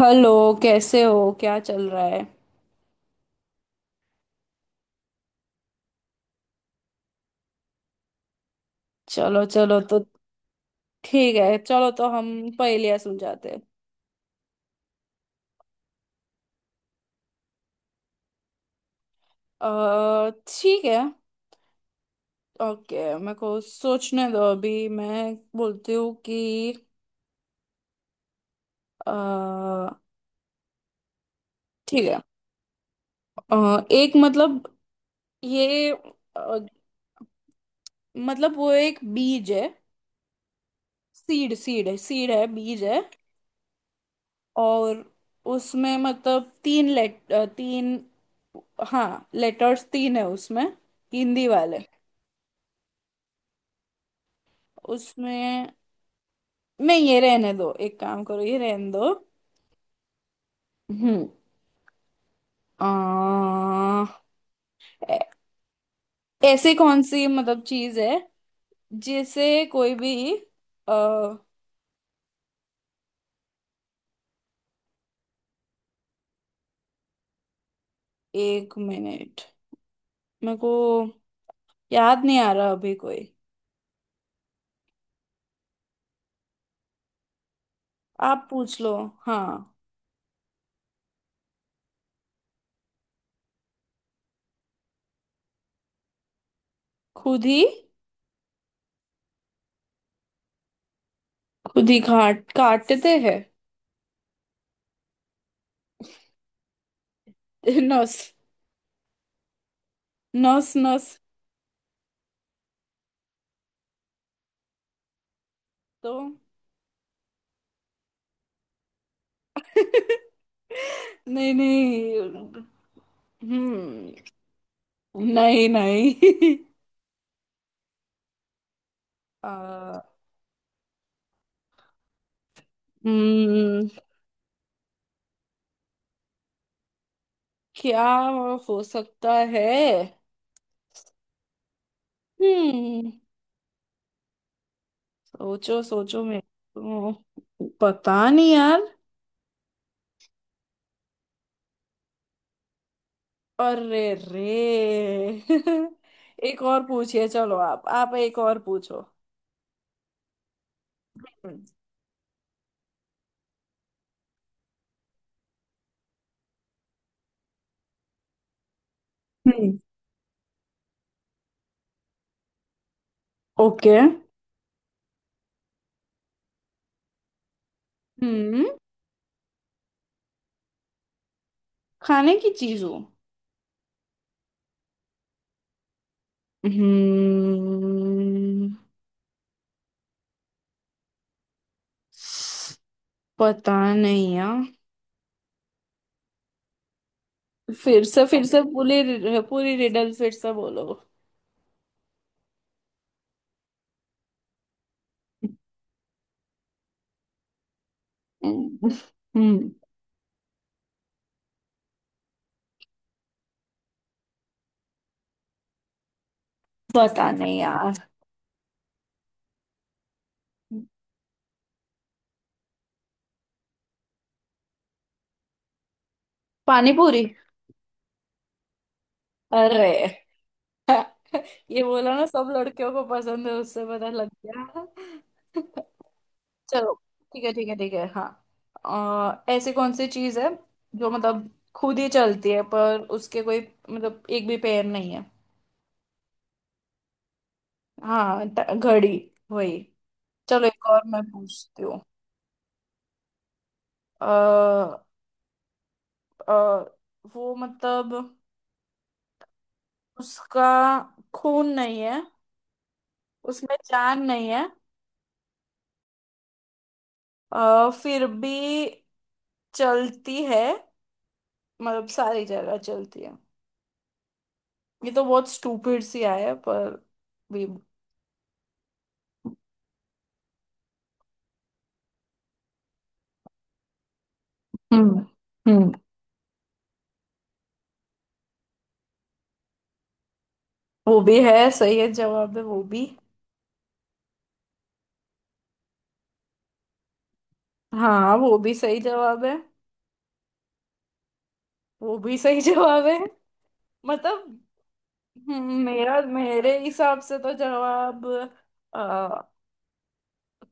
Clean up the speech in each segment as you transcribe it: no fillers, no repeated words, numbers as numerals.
Hello. कैसे हो, क्या चल रहा है? चलो चलो तो ठीक है, चलो तो हम पहेलियाँ सुलझाते हैं। अ, ठीक है। ओके, मेरे को सोचने दो, अभी मैं बोलती हूँ कि अ, ठीक है। एक मतलब ये अ, मतलब वो एक बीज है। सीड सीड है बीज है। और उसमें मतलब तीन लेट तीन, हाँ लेटर्स तीन है उसमें, हिंदी वाले। उसमें मैं, ये रहने दो, एक काम करो ये रहने दो। हम्म। आ, ऐ- ऐसे कौन सी मतलब चीज है जिसे कोई भी आ, एक मिनट, मेरे को याद नहीं आ रहा अभी कोई। आप पूछ लो। हाँ। खुद ही काटते हैं। नस। नस नस। तो नहीं नहीं। हम्म। नहीं नहीं। आ, हम्म। क्या हो सकता है? हम्म। सोचो सोचो, मैं तो पता नहीं यार। अरे रे। एक और पूछिए, चलो आप एक और पूछो। हम्म। हम्म। ओके। हम्म। खाने की चीजों। हम्म। पता नहीं यार। फिर से, फिर से पूरी पूरी रिडल फिर से बोलो। हम्म। पता नहीं यार। पानीपुरी। अरे। ये बोला ना सब लड़कियों को पसंद है, उससे पता लग गया। चलो ठीक है ठीक है ठीक है हाँ। ऐसी कौन सी चीज है जो मतलब खुद ही चलती है पर उसके कोई मतलब एक भी पैर नहीं है। हाँ घड़ी, वही। चलो एक और मैं पूछती हूँ। अ, अ, वो मतलब उसका खून नहीं है, उसमें जान नहीं है, फिर भी चलती है, मतलब सारी जगह चलती है। ये तो बहुत स्टूपिड सी आया है, पर भी। हम्म। हम्म। वो भी है, सही है जवाब है वो भी। हाँ वो भी सही जवाब है। वो भी सही जवाब है। मतलब मेरा मेरे हिसाब से तो जवाब अ,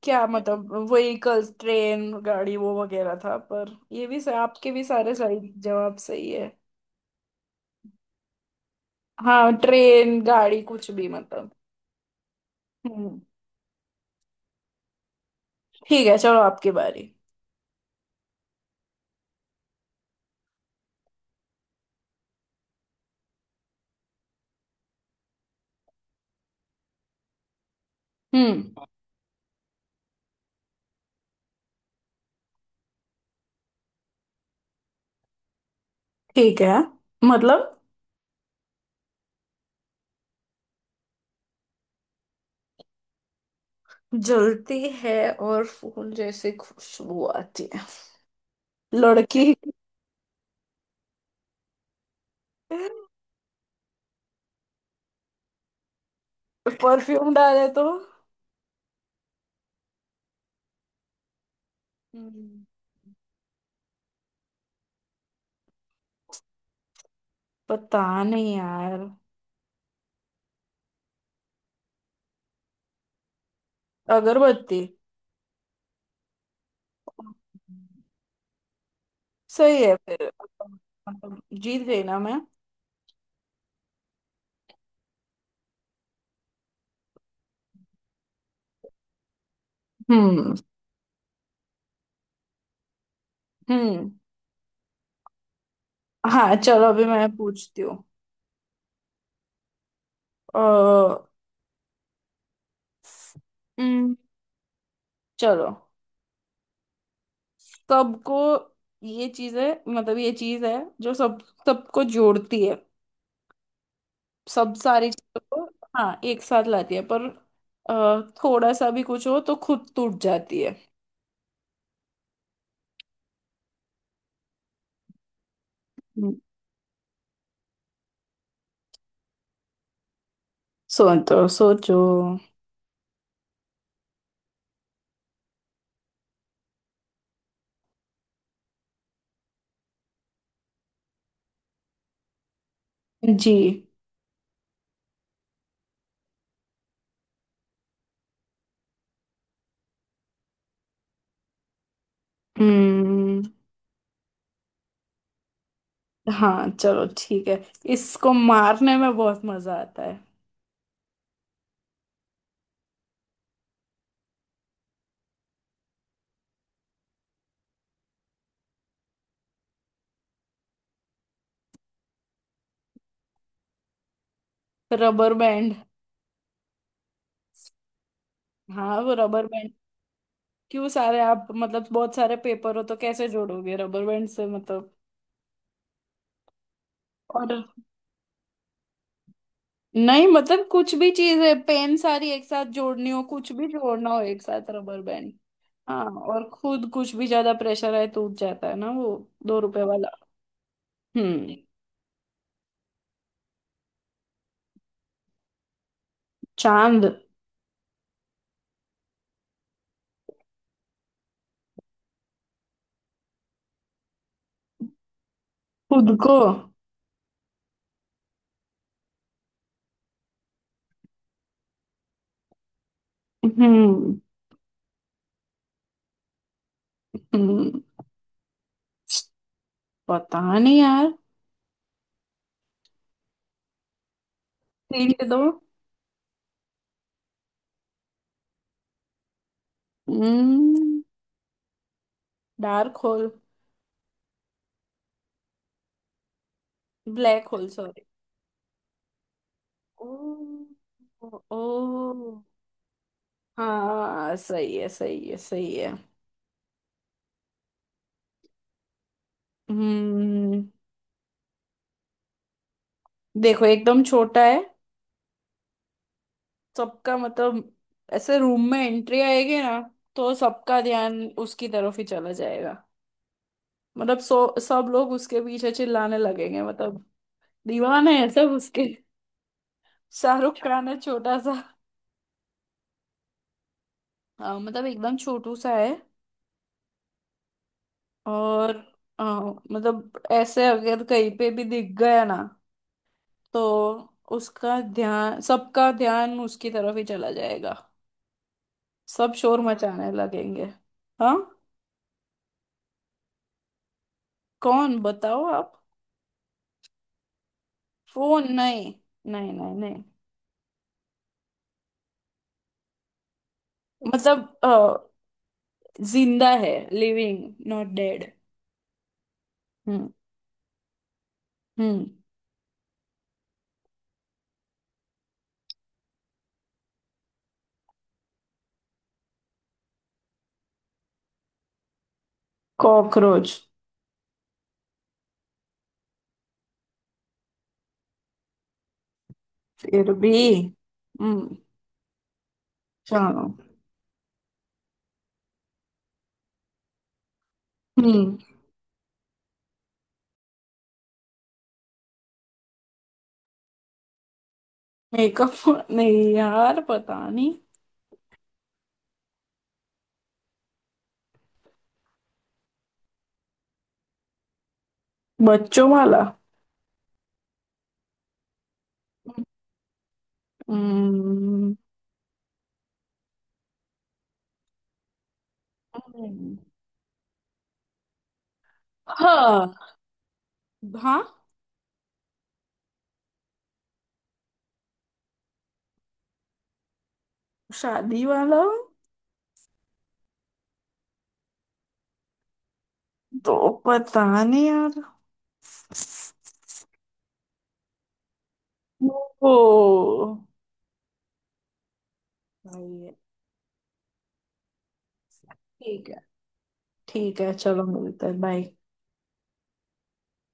क्या मतलब व्हीकल्स, ट्रेन गाड़ी वो वगैरह था, पर ये भी आपके भी सारे सही जवाब सही है। हाँ ट्रेन गाड़ी कुछ भी मतलब। हम्म। ठीक है, चलो आपकी बारी। हम्म। ठीक है मतलब जलती है और फूल जैसे खुशबू आती है। लड़की। परफ्यूम डाले तो। हम्म, पता नहीं यार। अगरबत्ती। सही है फिर। मतलब जीत गई ना मैं। हम्म। हम्म। हाँ चलो अभी मैं पूछती हूँ। अ, हम्म, चलो सबको, ये चीज है, मतलब ये चीज है जो सब सबको जोड़ती है, सब सारी चीजों को। हाँ एक साथ लाती है, पर थोड़ा सा भी कुछ हो तो खुद टूट जाती है। हम्म, सोचो सोचो। जी। हम्म। हाँ चलो ठीक है, इसको मारने में बहुत मजा आता है। Rubber band. हाँ वो रबर बैंड। क्यों, सारे आप मतलब बहुत सारे पेपर हो तो कैसे जोड़ोगे रबर बैंड से मतलब। और नहीं मतलब कुछ भी चीज है, पेन सारी एक साथ जोड़नी हो, कुछ भी जोड़ना हो एक साथ, रबर बैंड। हाँ। और खुद कुछ भी ज्यादा प्रेशर आए टूट जाता है ना वो। दो रुपए वाला। हम्म। चांद। खुद को। हम्म। हम्म। पता नहीं यार। हिंट दो। हम्म, dark hole. Black hole, sorry. ओ। ओ। हाँ सही है सही है सही है। हम्म। देखो एकदम छोटा है, सबका मतलब ऐसे रूम में एंट्री आएगी ना तो सबका ध्यान उसकी तरफ ही चला जाएगा। मतलब सो सब लोग उसके पीछे चिल्लाने लगेंगे, मतलब दीवाने है सब उसके। शाहरुख खान है, छोटा सा। हाँ, मतलब एकदम छोटू सा है। और हाँ, मतलब ऐसे अगर कहीं पे भी दिख गया ना तो उसका ध्यान, सबका ध्यान उसकी तरफ ही चला जाएगा, सब शोर मचाने लगेंगे। हाँ। कौन, बताओ आप। फोन नहीं। नहीं नहीं नहीं। मतलब जिंदा है, living not dead. Hmm. Hmm. Cockroach. फिर भी। हम्म। चलो। हम्म। मेकअप नहीं यार, पता नहीं। बच्चों वाला। हम्म। हम्म, हाँ। हाँ। शादी वाला। तो पता नहीं यार। ओ। सही है। ठीक है। ठीक है चलो, मिलते हैं, बाय।